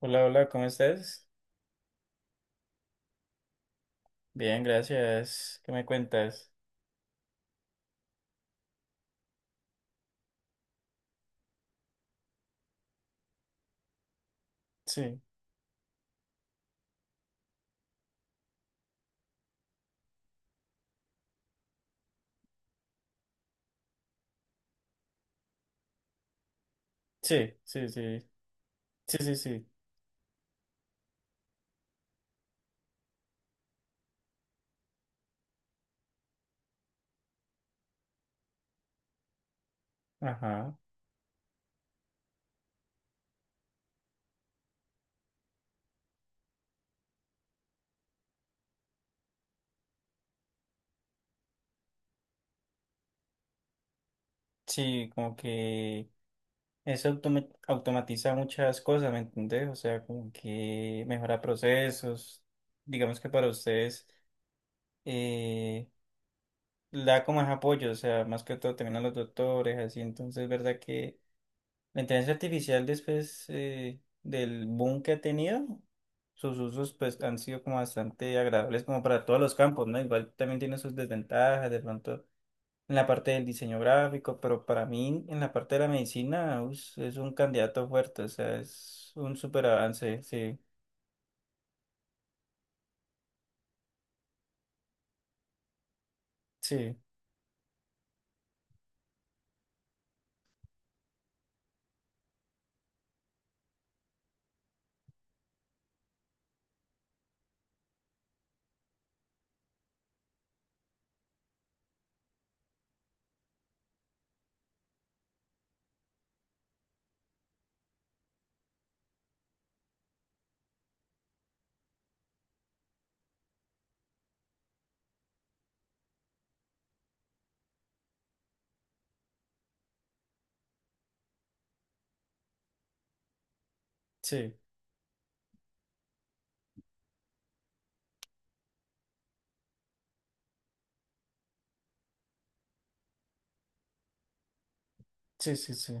Hola, hola, ¿cómo estás? Bien, gracias. ¿Qué me cuentas? Sí, sí, sí, sí, sí, sí, sí. Ajá. Sí, como que automatiza muchas cosas, ¿me entendés? O sea, como que mejora procesos. Digamos que para ustedes, eh, le da como más apoyo, o sea, más que todo también a los doctores, así. Entonces, ¿verdad que la inteligencia artificial, después del boom que ha tenido, sus usos pues han sido como bastante agradables como para todos los campos, ¿no? Igual también tiene sus desventajas de pronto en la parte del diseño gráfico, pero para mí en la parte de la medicina es un candidato fuerte, o sea, es un súper avance. Sí, sí, sí, sí, sí, sí.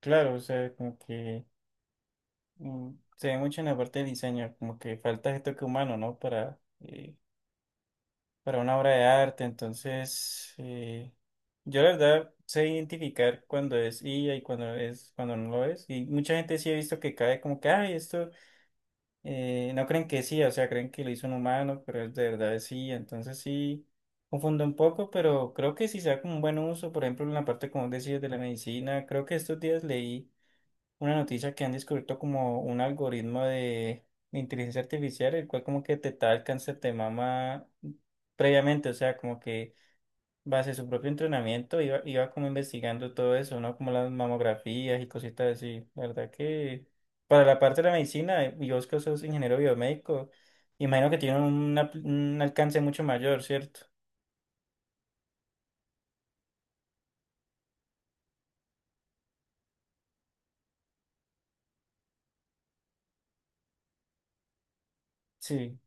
Claro, o sea, como que se ve mucho en la parte del diseño, como que falta este toque humano, ¿no? Para para una obra de arte. Entonces, yo la verdad sé identificar cuando es IA y cuando no lo es. Y mucha gente sí he visto que cae como que, ay, esto, no creen que sí, o sea, creen que lo hizo un humano, pero es de verdad es IA. Entonces sí confundo un poco, pero creo que sí sea como un buen uso, por ejemplo, en la parte como decías de la medicina. Creo que estos días leí una noticia que han descubierto como un algoritmo de inteligencia artificial, el cual como que detectaba el cáncer de mama previamente, o sea, como que base su propio entrenamiento iba como investigando todo eso, ¿no? Como las mamografías y cositas así. La verdad que para la parte de la medicina, y vos que sos ingeniero biomédico, imagino que tiene un alcance mucho mayor, ¿cierto? Sí,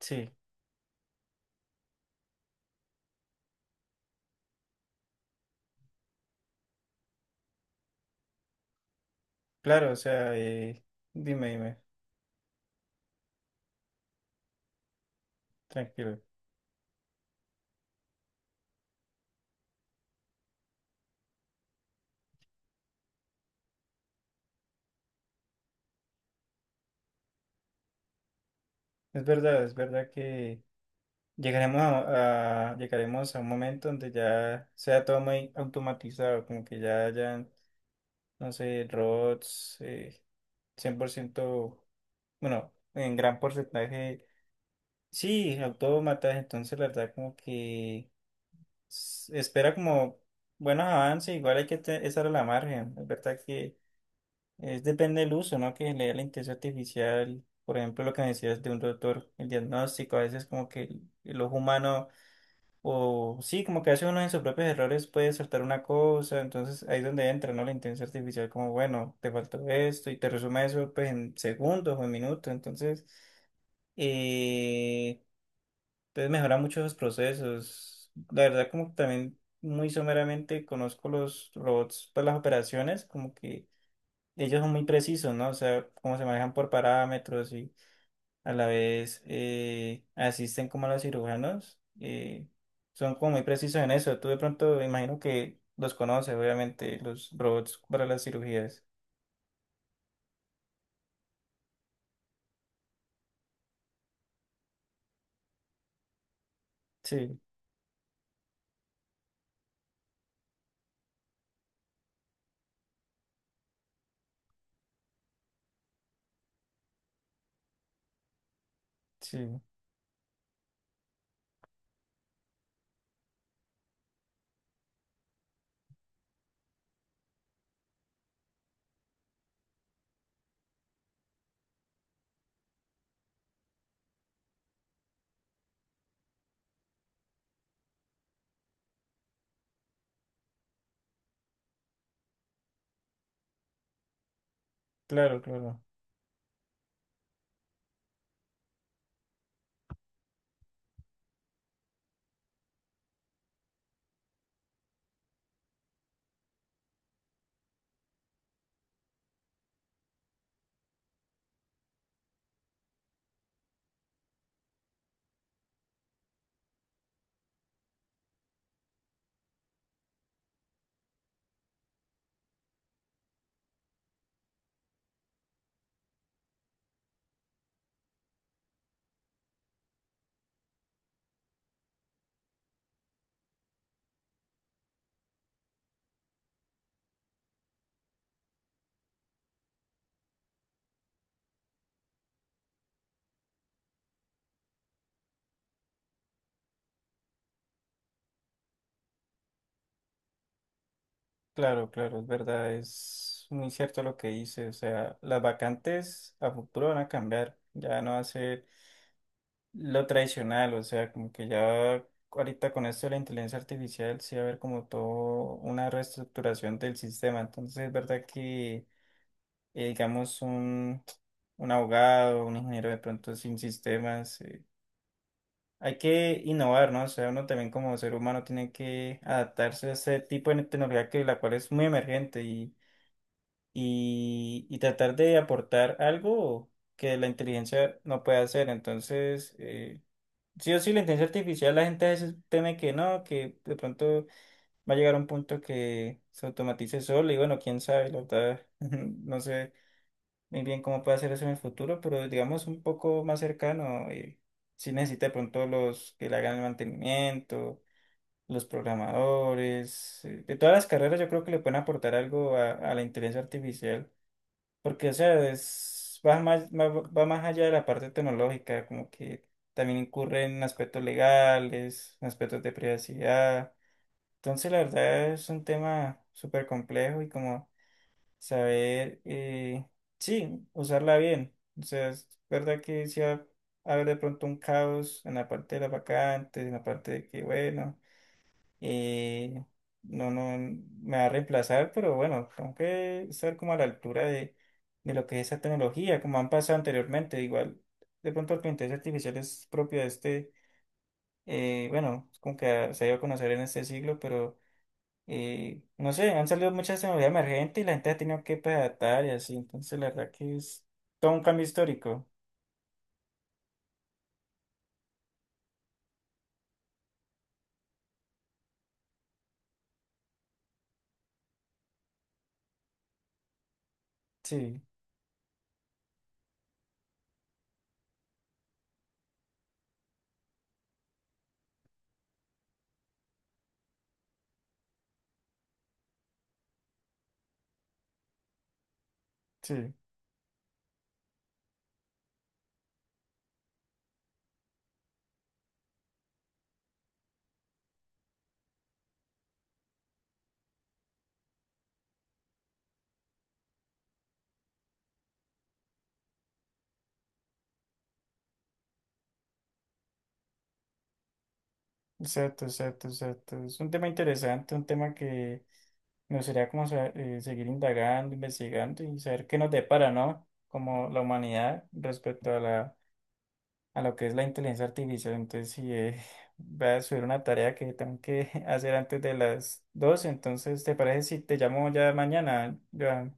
sí, claro, o sea, dime, dime, tranquilo. Es verdad que llegaremos a un momento donde ya sea todo muy automatizado, como que ya hayan, no sé, robots, cien por ciento, bueno, en gran porcentaje, sí, autómatas. Entonces la verdad como que espera como buenos avances. Igual hay que estar a la margen. Es verdad que es, depende del uso, ¿no? Que le dé la inteligencia artificial. Por ejemplo, lo que me decías de un doctor, el diagnóstico, a veces como que el ojo humano, o sí, como que hace uno en sus propios errores, puede saltar una cosa, entonces ahí es donde entra, ¿no? La inteligencia artificial, como, bueno, te faltó esto y te resume eso pues en segundos o en minutos. Entonces, eh, entonces mejora mucho los procesos. La verdad como que también muy someramente conozco los robots para las operaciones, como que ellos son muy precisos, ¿no? O sea, cómo se manejan por parámetros y a la vez, asisten como a los cirujanos. Son como muy precisos en eso. Tú de pronto me imagino que los conoces, obviamente, los robots para las cirugías. Sí, sí, claro, claro, claro, claro, es verdad, es muy cierto lo que dice. O sea, las vacantes a futuro van a cambiar, ya no va a ser lo tradicional. O sea, como que ya ahorita con esto de la inteligencia artificial sí va a haber como todo una reestructuración del sistema. Entonces es verdad que, digamos, un abogado, un ingeniero de pronto sin sistemas. Hay que innovar, ¿no? O sea, uno también como ser humano tiene que adaptarse a ese tipo de tecnología, que la cual es muy emergente, y tratar de aportar algo que la inteligencia no puede hacer. Entonces, sí o sí, la inteligencia artificial, la gente a veces teme que no, que de pronto va a llegar a un punto que se automatice solo y, bueno, quién sabe, la verdad, no sé muy bien cómo puede hacer eso en el futuro, pero digamos un poco más cercano, si necesita de pronto los que le hagan el mantenimiento, los programadores, de todas las carreras yo creo que le pueden aportar algo a la inteligencia artificial, porque o sea, es, va más, va más allá de la parte tecnológica, como que también incurre en aspectos legales, en aspectos de privacidad. Entonces la verdad es un tema súper complejo y como saber, sí, usarla bien. O sea, es verdad que sí va a haber de pronto un caos en la parte de las vacantes, en la parte de que, bueno, eh, no, no me va a reemplazar, pero bueno, tengo que estar como a la altura de lo que es esa tecnología, como han pasado anteriormente. Igual, de pronto la inteligencia artificial es propia de este, bueno, es como que se ha ido a conocer en este siglo, pero y no sé, han salido muchas tecnologías emergentes y la gente ha tenido que, pues, adaptar y así. Entonces, la verdad que es todo un cambio histórico. Sí, sí, exacto, exacto, exacto. Es un tema interesante, un tema que me gustaría como seguir indagando, investigando y saber qué nos depara, ¿no? Como la humanidad respecto a la, a lo que es la inteligencia artificial. Entonces, sí, voy a subir una tarea que tengo que hacer antes de las 12. Entonces, ¿te parece si te llamo ya mañana, Joan?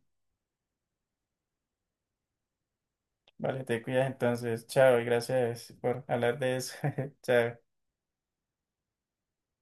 Vale, te cuidas entonces. Chao y gracias por hablar de eso. Chao.